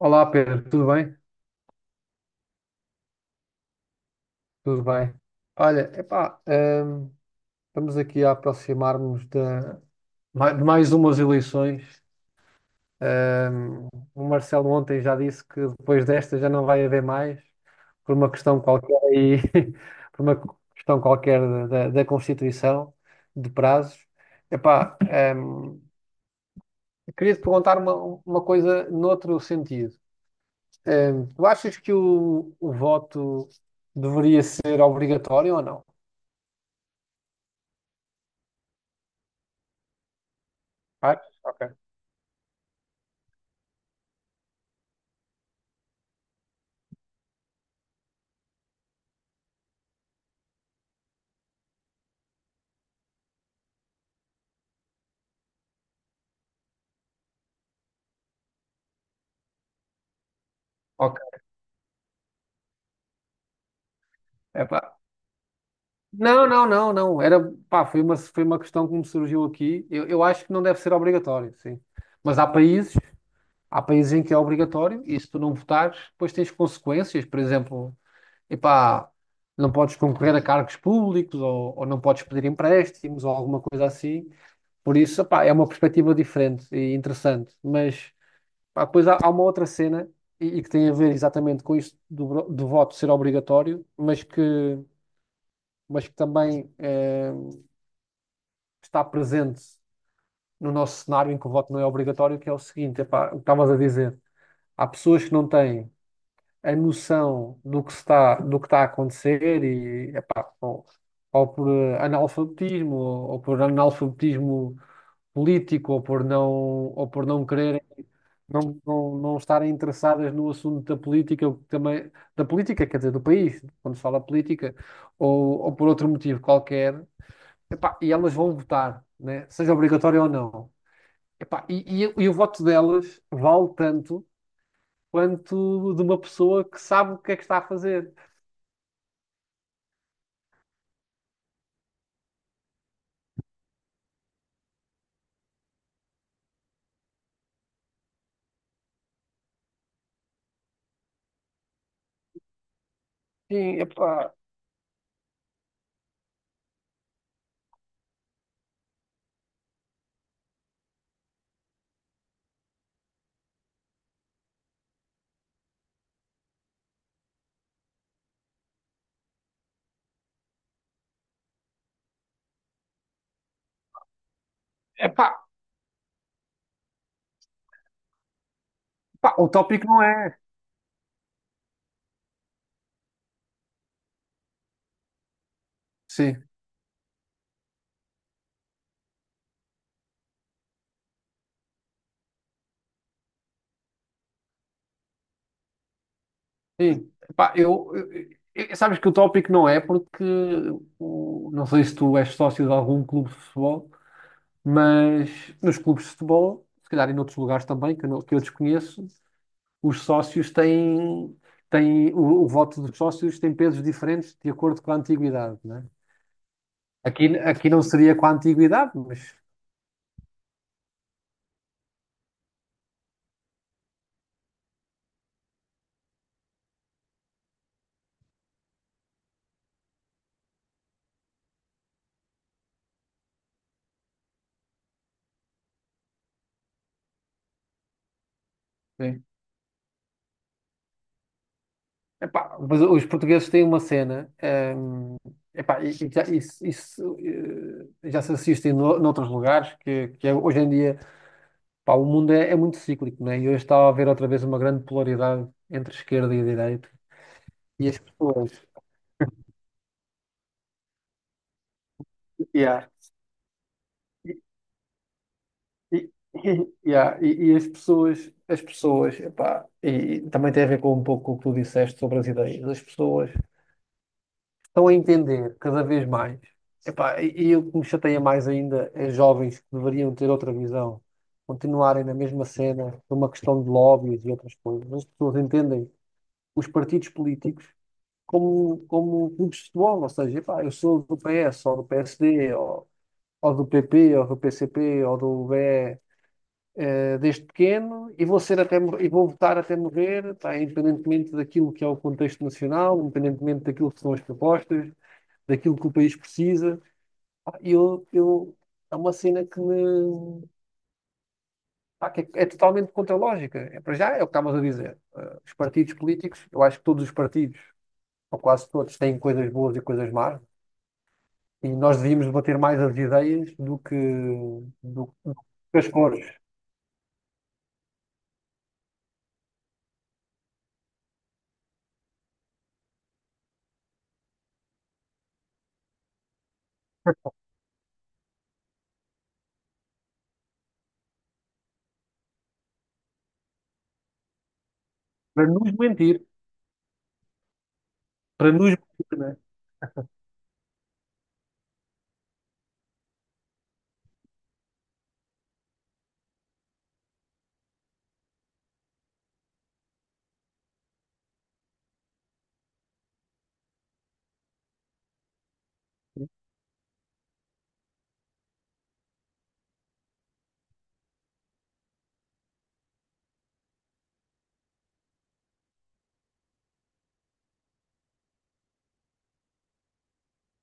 Olá Pedro, tudo bem? Tudo bem. Olha, epá, hum, estamos aqui a aproximar-nos de, de mais umas eleições. Hum, o Marcelo ontem já disse que depois desta já não vai haver mais, por uma questão qualquer aí, por uma questão qualquer da Constituição, de prazos. Epá, hum, queria te perguntar uma coisa noutro sentido. Tu achas que o voto deveria ser obrigatório ou não? Faz? Ok. Ok. Epá. Não, não, não, não. Era, pá, foi uma questão que me surgiu aqui. Eu acho que não deve ser obrigatório, sim. Mas há países, há países em que é obrigatório e se tu não votares, depois tens consequências. Por exemplo, epá, não podes concorrer a cargos públicos ou não podes pedir empréstimos ou alguma coisa assim. Por isso, epá, é uma perspectiva diferente e interessante. Mas, pá, depois há uma outra cena e que tem a ver exatamente com isto do, do voto ser obrigatório, mas que também está presente no nosso cenário em que o voto não é obrigatório, que é o seguinte, epá, o que estavas a dizer, há pessoas que não têm a noção do que está a acontecer e, epá, ou por analfabetismo, ou por analfabetismo político, ou por não querer não, não estarem interessadas no assunto da política, o que também, da política, quer dizer, do país, quando se fala política, ou por outro motivo qualquer. Epá, e elas vão votar, né? Seja obrigatório ou não. Epá, e o voto delas vale tanto quanto de uma pessoa que sabe o que é que está a fazer. Sim, epá, epá, epá, o tópico não é. Sim, sim. Epá, sabes que o tópico não é porque não sei se tu és sócio de algum clube de futebol, mas nos clubes de futebol, se calhar em outros lugares também, que eu, que eu desconheço, os sócios têm, têm o voto dos sócios tem pesos diferentes de acordo com a antiguidade, né? Aqui não seria com a antiguidade, mas, sim. Epá, mas os portugueses têm uma cena, hum, epá, e já, isso, já se assiste em noutros lugares, que é hoje em dia, pá, o mundo é, é muito cíclico, né? E hoje está a haver outra vez uma grande polaridade entre esquerda e direita. E as pessoas. Yeah. E, e, yeah, e as pessoas, epá, e também tem a ver com um pouco o que tu disseste sobre as ideias. As pessoas estão a entender cada vez mais. Epá, e o que me chateia mais ainda é jovens que deveriam ter outra visão, continuarem na mesma cena, por uma questão de lobbies e outras coisas. As pessoas entendem os partidos políticos como, como clubes de futebol, ou seja, epá, eu sou do PS, ou do PSD, ou do PP, ou do PCP, ou do BE desde pequeno e vou ser até e vou votar até morrer, pá, independentemente daquilo que é o contexto nacional, independentemente daquilo que são as propostas, daquilo que o país precisa. Pá, é uma cena que me. Pá, que é totalmente contra a lógica. É, para já é o que estavas a dizer. Os partidos políticos, eu acho que todos os partidos, ou quase todos, têm coisas boas e coisas más. E nós devíamos debater mais as ideias do do que as cores. Para nos mentir, para nos mentir, né?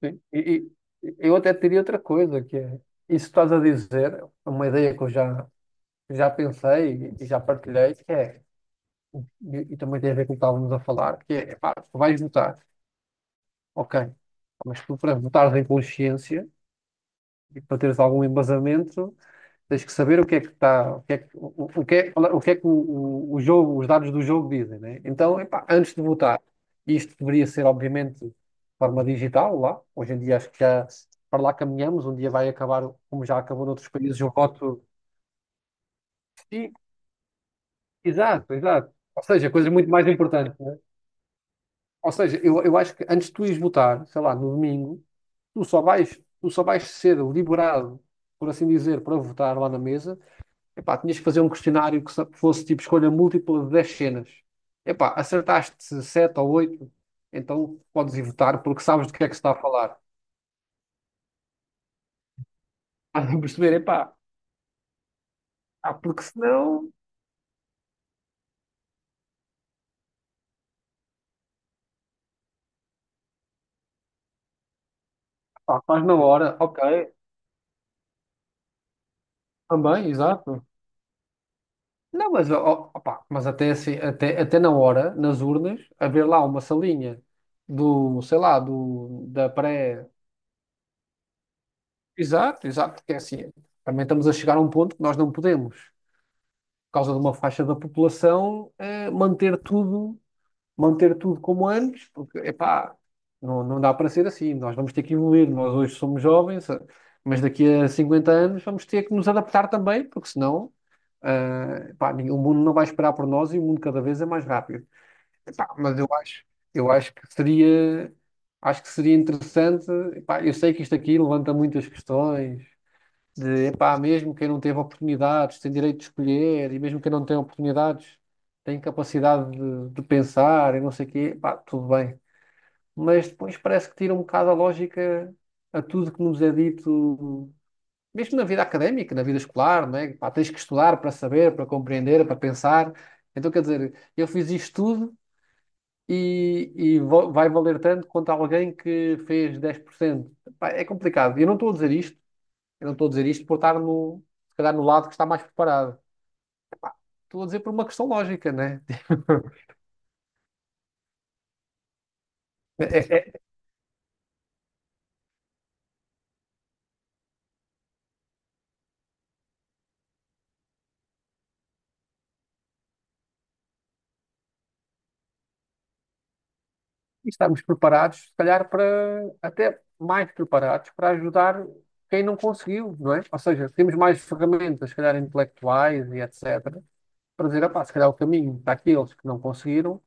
Sim. E eu até teria outra coisa, que é, isso que estás a dizer, é uma ideia que eu já, já pensei e já partilhei, que é, e também tem a ver com o que estávamos a falar, que é, pá, tu vais votar, ok, mas tu para votares em consciência e para teres algum embasamento, tens que saber o que é que está, o que é que, o, que é, o que é que o jogo, os dados do jogo dizem, né? Então, epá, antes de votar, isto deveria ser, obviamente, de forma digital lá. Hoje em dia acho que já para lá caminhamos, um dia vai acabar, como já acabou noutros países, o voto. Sim, exato, exato. Ou seja, coisas muito mais importantes, né? Ou seja, eu acho que antes de tu ires votar, sei lá, no domingo, tu só vais ser liberado, por assim dizer, para votar lá na mesa. Epá, tinhas que fazer um questionário que que fosse tipo escolha múltipla de 10 cenas. Epá, acertaste 7 ou oito, então podes ir votar porque sabes do que é que se está a falar. Estás a perceber? Epá, ah, porque senão, pá, faz na hora, ok, também, exato. Não, mas, ó, ó, pá, mas até, assim, até na hora, nas urnas, haver lá uma salinha do, sei lá, do, da pré. Exato, exato, porque é assim, também estamos a chegar a um ponto que nós não podemos. Por causa de uma faixa da população, manter tudo como antes, porque, epá, não, não dá para ser assim. Nós vamos ter que evoluir. Nós hoje somos jovens, mas daqui a 50 anos vamos ter que nos adaptar também, porque senão, epá, o mundo não vai esperar por nós e o mundo cada vez é mais rápido. Epá, mas eu acho, eu acho que seria, acho que seria interessante. Epá, eu sei que isto aqui levanta muitas questões. De, epá, mesmo quem não teve oportunidades tem direito de escolher, e mesmo quem não tem oportunidades tem capacidade de pensar e não sei o quê, pá, tudo bem. Mas depois parece que tira um bocado a lógica a tudo que nos é dito, mesmo na vida académica, na vida escolar, não é? Pá, tens que estudar para saber, para compreender, para pensar. Então, quer dizer, eu fiz isto tudo e, vai valer tanto quanto alguém que fez 10%. Pá, é complicado. Eu não estou a dizer isto por estar no, se calhar no lado que está mais preparado. Estou a dizer por uma questão lógica, né? É, é, estamos preparados, se calhar, para até mais preparados para ajudar quem não conseguiu, não é? Ou seja, temos mais ferramentas, se calhar intelectuais e etc., para dizer, "Epá, se calhar o caminho daqueles que não conseguiram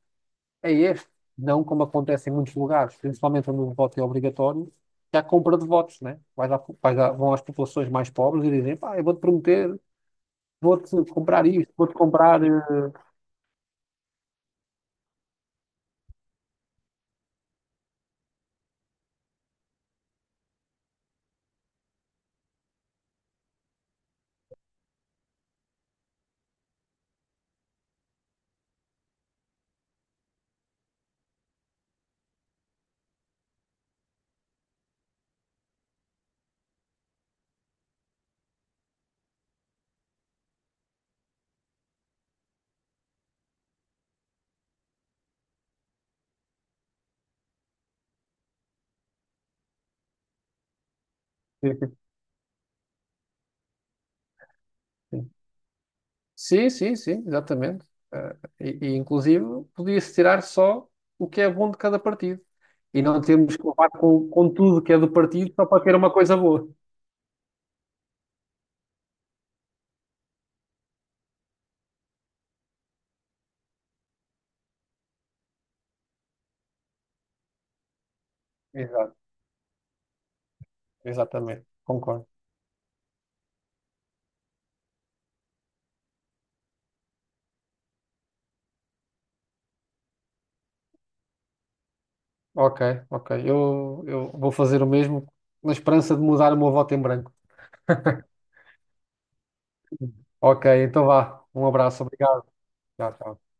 é este, não como acontece em muitos lugares, principalmente onde o voto é obrigatório, que há compra de votos, né? Vão às populações mais pobres e dizem, pá, eu vou-te prometer vou-te comprar isto, vou-te comprar. Sim, sim, sim, exatamente. Eh, e, inclusive, podia-se tirar só o que é bom de cada partido. E não temos que levar com tudo que é do partido só para ter uma coisa boa. Exato, exatamente, concordo. Ok, ok. Eu vou fazer o mesmo na esperança de mudar o meu voto em branco. Ok, então vá. Um abraço, obrigado. Tchau, tchau.